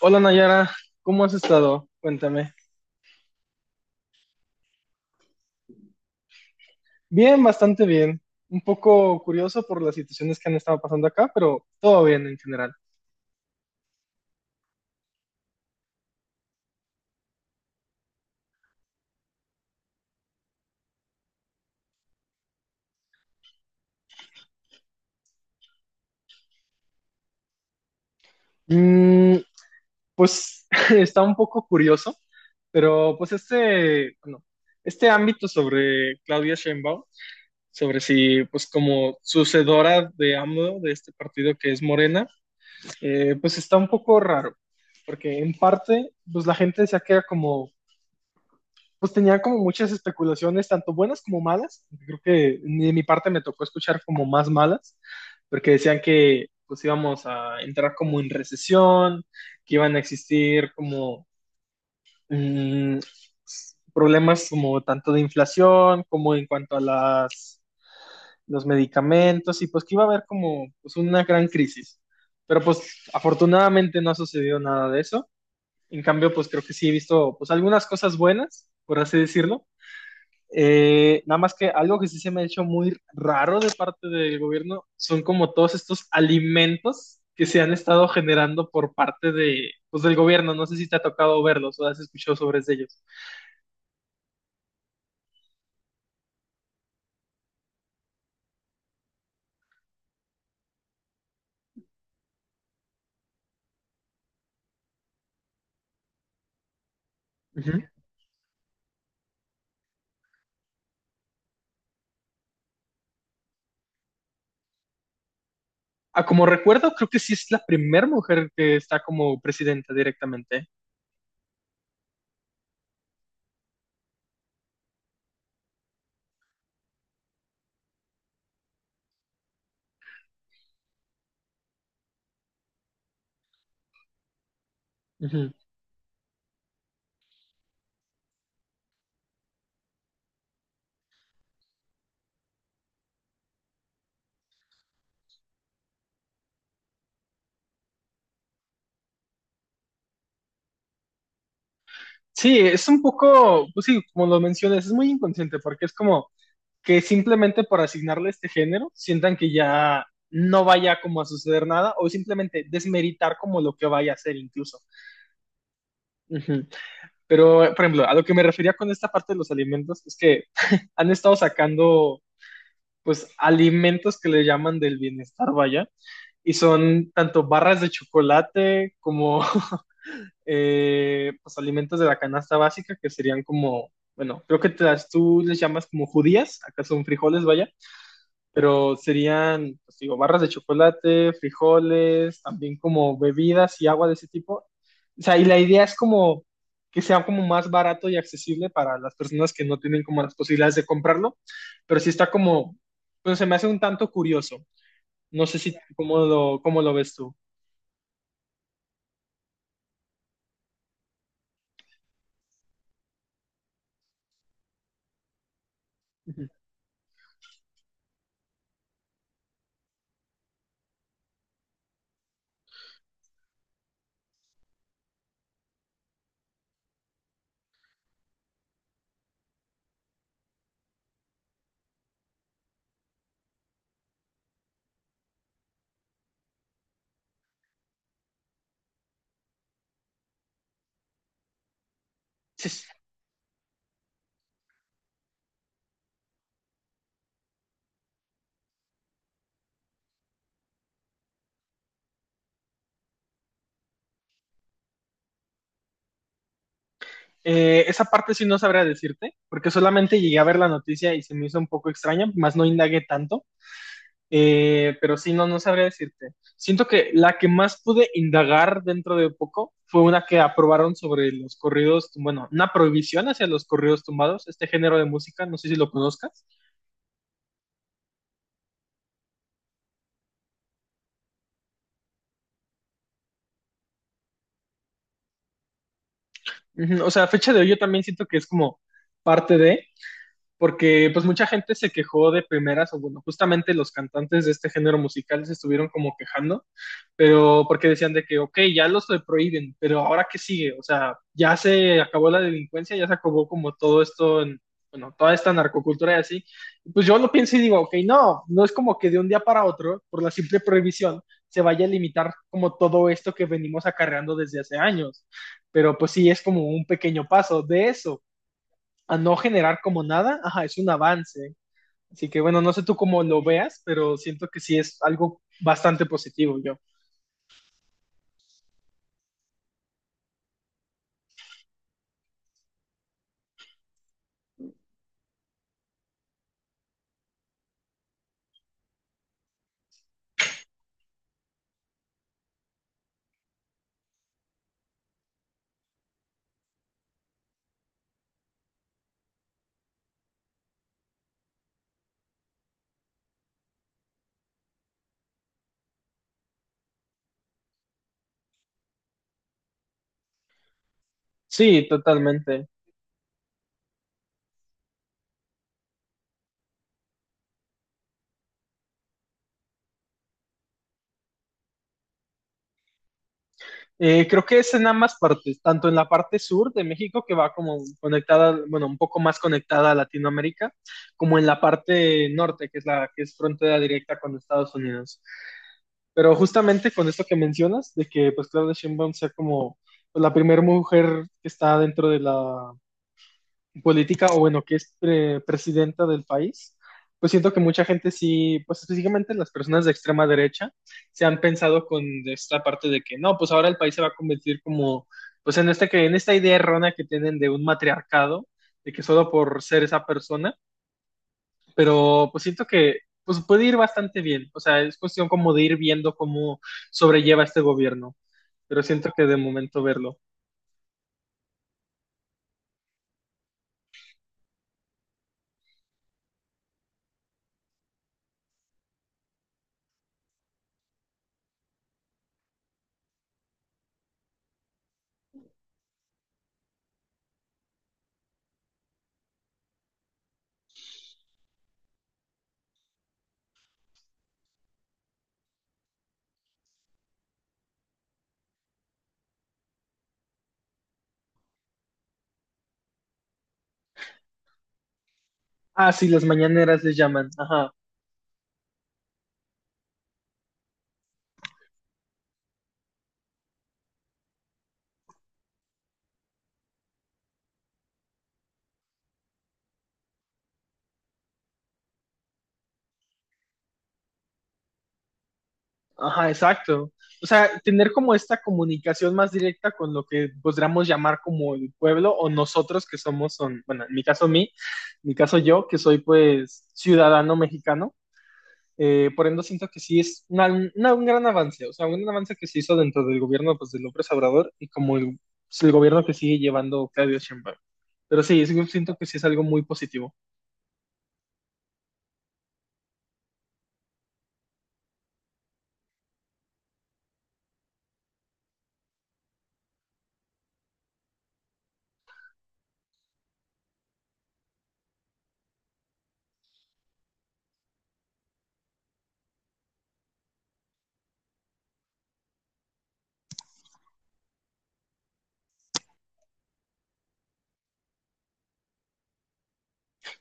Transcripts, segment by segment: Hola Nayara, ¿cómo has estado? Cuéntame. Bien, bastante bien. Un poco curioso por las situaciones que han estado pasando acá, pero todo bien en general. Mm, pues está un poco curioso, pero pues este, bueno, este ámbito sobre Claudia Sheinbaum, sobre si pues como sucedora de AMLO, de este partido que es Morena, pues está un poco raro, porque en parte pues la gente se queda como pues tenía como muchas especulaciones, tanto buenas como malas. Creo que de mi parte me tocó escuchar como más malas, porque decían que pues íbamos a entrar como en recesión, que iban a existir como mm, problemas como tanto de inflación como en cuanto a las los medicamentos y pues que iba a haber como pues, una gran crisis. Pero pues afortunadamente no ha sucedido nada de eso. En cambio, pues creo que sí he visto pues algunas cosas buenas, por así decirlo, nada más que algo que sí se me ha hecho muy raro de parte del gobierno son como todos estos alimentos que se han estado generando por parte de, pues, del gobierno. No sé si te ha tocado verlos o has escuchado sobre ellos. Ujú. Ah, como recuerdo, creo que sí es la primera mujer que está como presidenta directamente. Ujú. Sí, es un poco, pues sí, como lo mencionas, es muy inconsciente porque es como que simplemente por asignarle este género sientan que ya no vaya como a suceder nada o simplemente desmeritar como lo que vaya a ser incluso. Ujú. Pero, por ejemplo, a lo que me refería con esta parte de los alimentos es que han estado sacando pues alimentos que le llaman del bienestar, vaya, y son tanto barras de chocolate como pues alimentos de la canasta básica que serían como, bueno, creo que tú les llamas como judías, acá son frijoles, vaya, pero serían, pues digo, barras de chocolate, frijoles, también como bebidas y agua de ese tipo. O sea, y la idea es como que sea como más barato y accesible para las personas que no tienen como las posibilidades de comprarlo, pero sí está como, pues se me hace un tanto curioso. No sé si, ¿cómo lo ves tú? Ujú. Sí, sí. Esa parte sí no sabría decirte, porque solamente llegué a ver la noticia y se me hizo un poco extraña, más no indagué tanto. Pero sí, no, no sabría decirte. Siento que la que más pude indagar dentro de poco fue una que aprobaron sobre los corridos, bueno, una prohibición hacia los corridos tumbados, este género de música, no sé si lo conozcas. Ujú. O sea, a fecha de hoy yo también siento que es como parte de, porque pues mucha gente se quejó de primeras, o bueno, justamente los cantantes de este género musical se estuvieron como quejando pero porque decían de que, ok, ya los prohíben, pero ahora qué sigue, o sea, ya se acabó la delincuencia, ya se acabó como todo esto, bueno, toda esta narcocultura y así, pues yo lo pienso y digo, ok, no, no es como que de un día para otro, por la simple prohibición, se vaya a limitar como todo esto que venimos acarreando desde hace años, pero pues sí, es como un pequeño paso de eso, a no generar como nada, ajá, es un avance, así que bueno, no sé tú cómo lo veas, pero siento que sí es algo bastante positivo, yo. Sí, totalmente. Creo que es en ambas partes, tanto en la parte sur de México, que va como conectada, bueno, un poco más conectada a Latinoamérica, como en la parte norte, que es la que es frontera directa con Estados Unidos. Pero justamente con esto que mencionas, de que pues Claudia Sheinbaum sea como pues, la primera mujer que está dentro de la política o bueno, que es presidenta del país, pues siento que mucha gente sí, pues específicamente las personas de extrema derecha, se han pensado con esta parte de que no, pues ahora el país se va a convertir como, pues en, este, que, en esta idea errónea que tienen de un matriarcado, de que solo por ser esa persona, pero pues siento que pues puede ir bastante bien, o sea, es cuestión como de ir viendo cómo sobrelleva este gobierno, pero siento que de momento verlo. Ah, sí, las mañaneras les llaman, ajá. Ajá, exacto. O sea, tener como esta comunicación más directa con lo que podríamos llamar como el pueblo o nosotros que somos, son, bueno, en mi caso yo, que soy pues ciudadano mexicano, por ende siento que sí es un gran avance, o sea, un gran avance que se hizo dentro del gobierno pues de López Obrador y como el gobierno que sigue llevando Claudio Sheinbaum. Pero sí, yo siento que sí es algo muy positivo.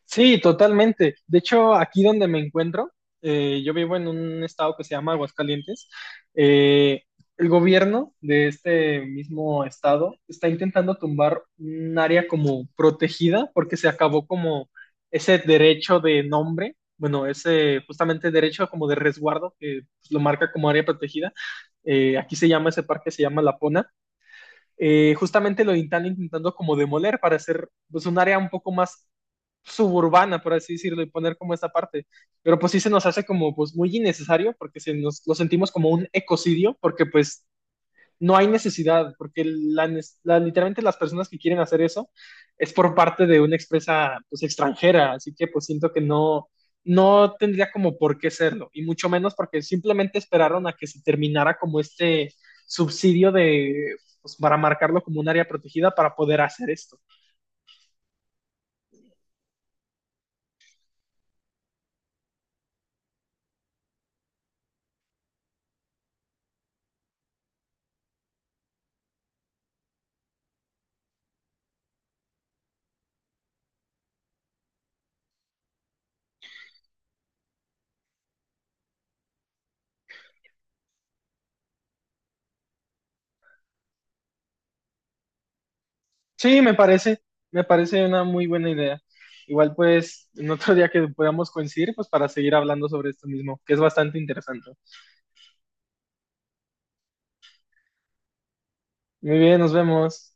Sí, totalmente. De hecho, aquí donde me encuentro, yo vivo en un estado que se llama Aguascalientes. Eh, el gobierno de este mismo estado está intentando tumbar un área como protegida porque se acabó como ese derecho de nombre, bueno, ese justamente derecho como de resguardo que pues, lo marca como área protegida. Aquí se llama ese parque, se llama La Pona. Justamente lo están intentando como demoler para hacer pues, un área un poco más suburbana, por así decirlo, y poner como esta parte. Pero pues sí se nos hace como pues muy innecesario porque se nos, lo sentimos como un ecocidio porque pues no hay necesidad, porque literalmente las personas que quieren hacer eso es por parte de una expresa pues, extranjera, así que pues siento que no, no tendría como por qué serlo, y mucho menos porque simplemente esperaron a que se terminara como este subsidio de, pues, para marcarlo como un área protegida para poder hacer esto. Sí, me parece una muy buena idea. Igual pues en otro día que podamos coincidir, pues para seguir hablando sobre esto mismo, que es bastante interesante. Muy bien, nos vemos.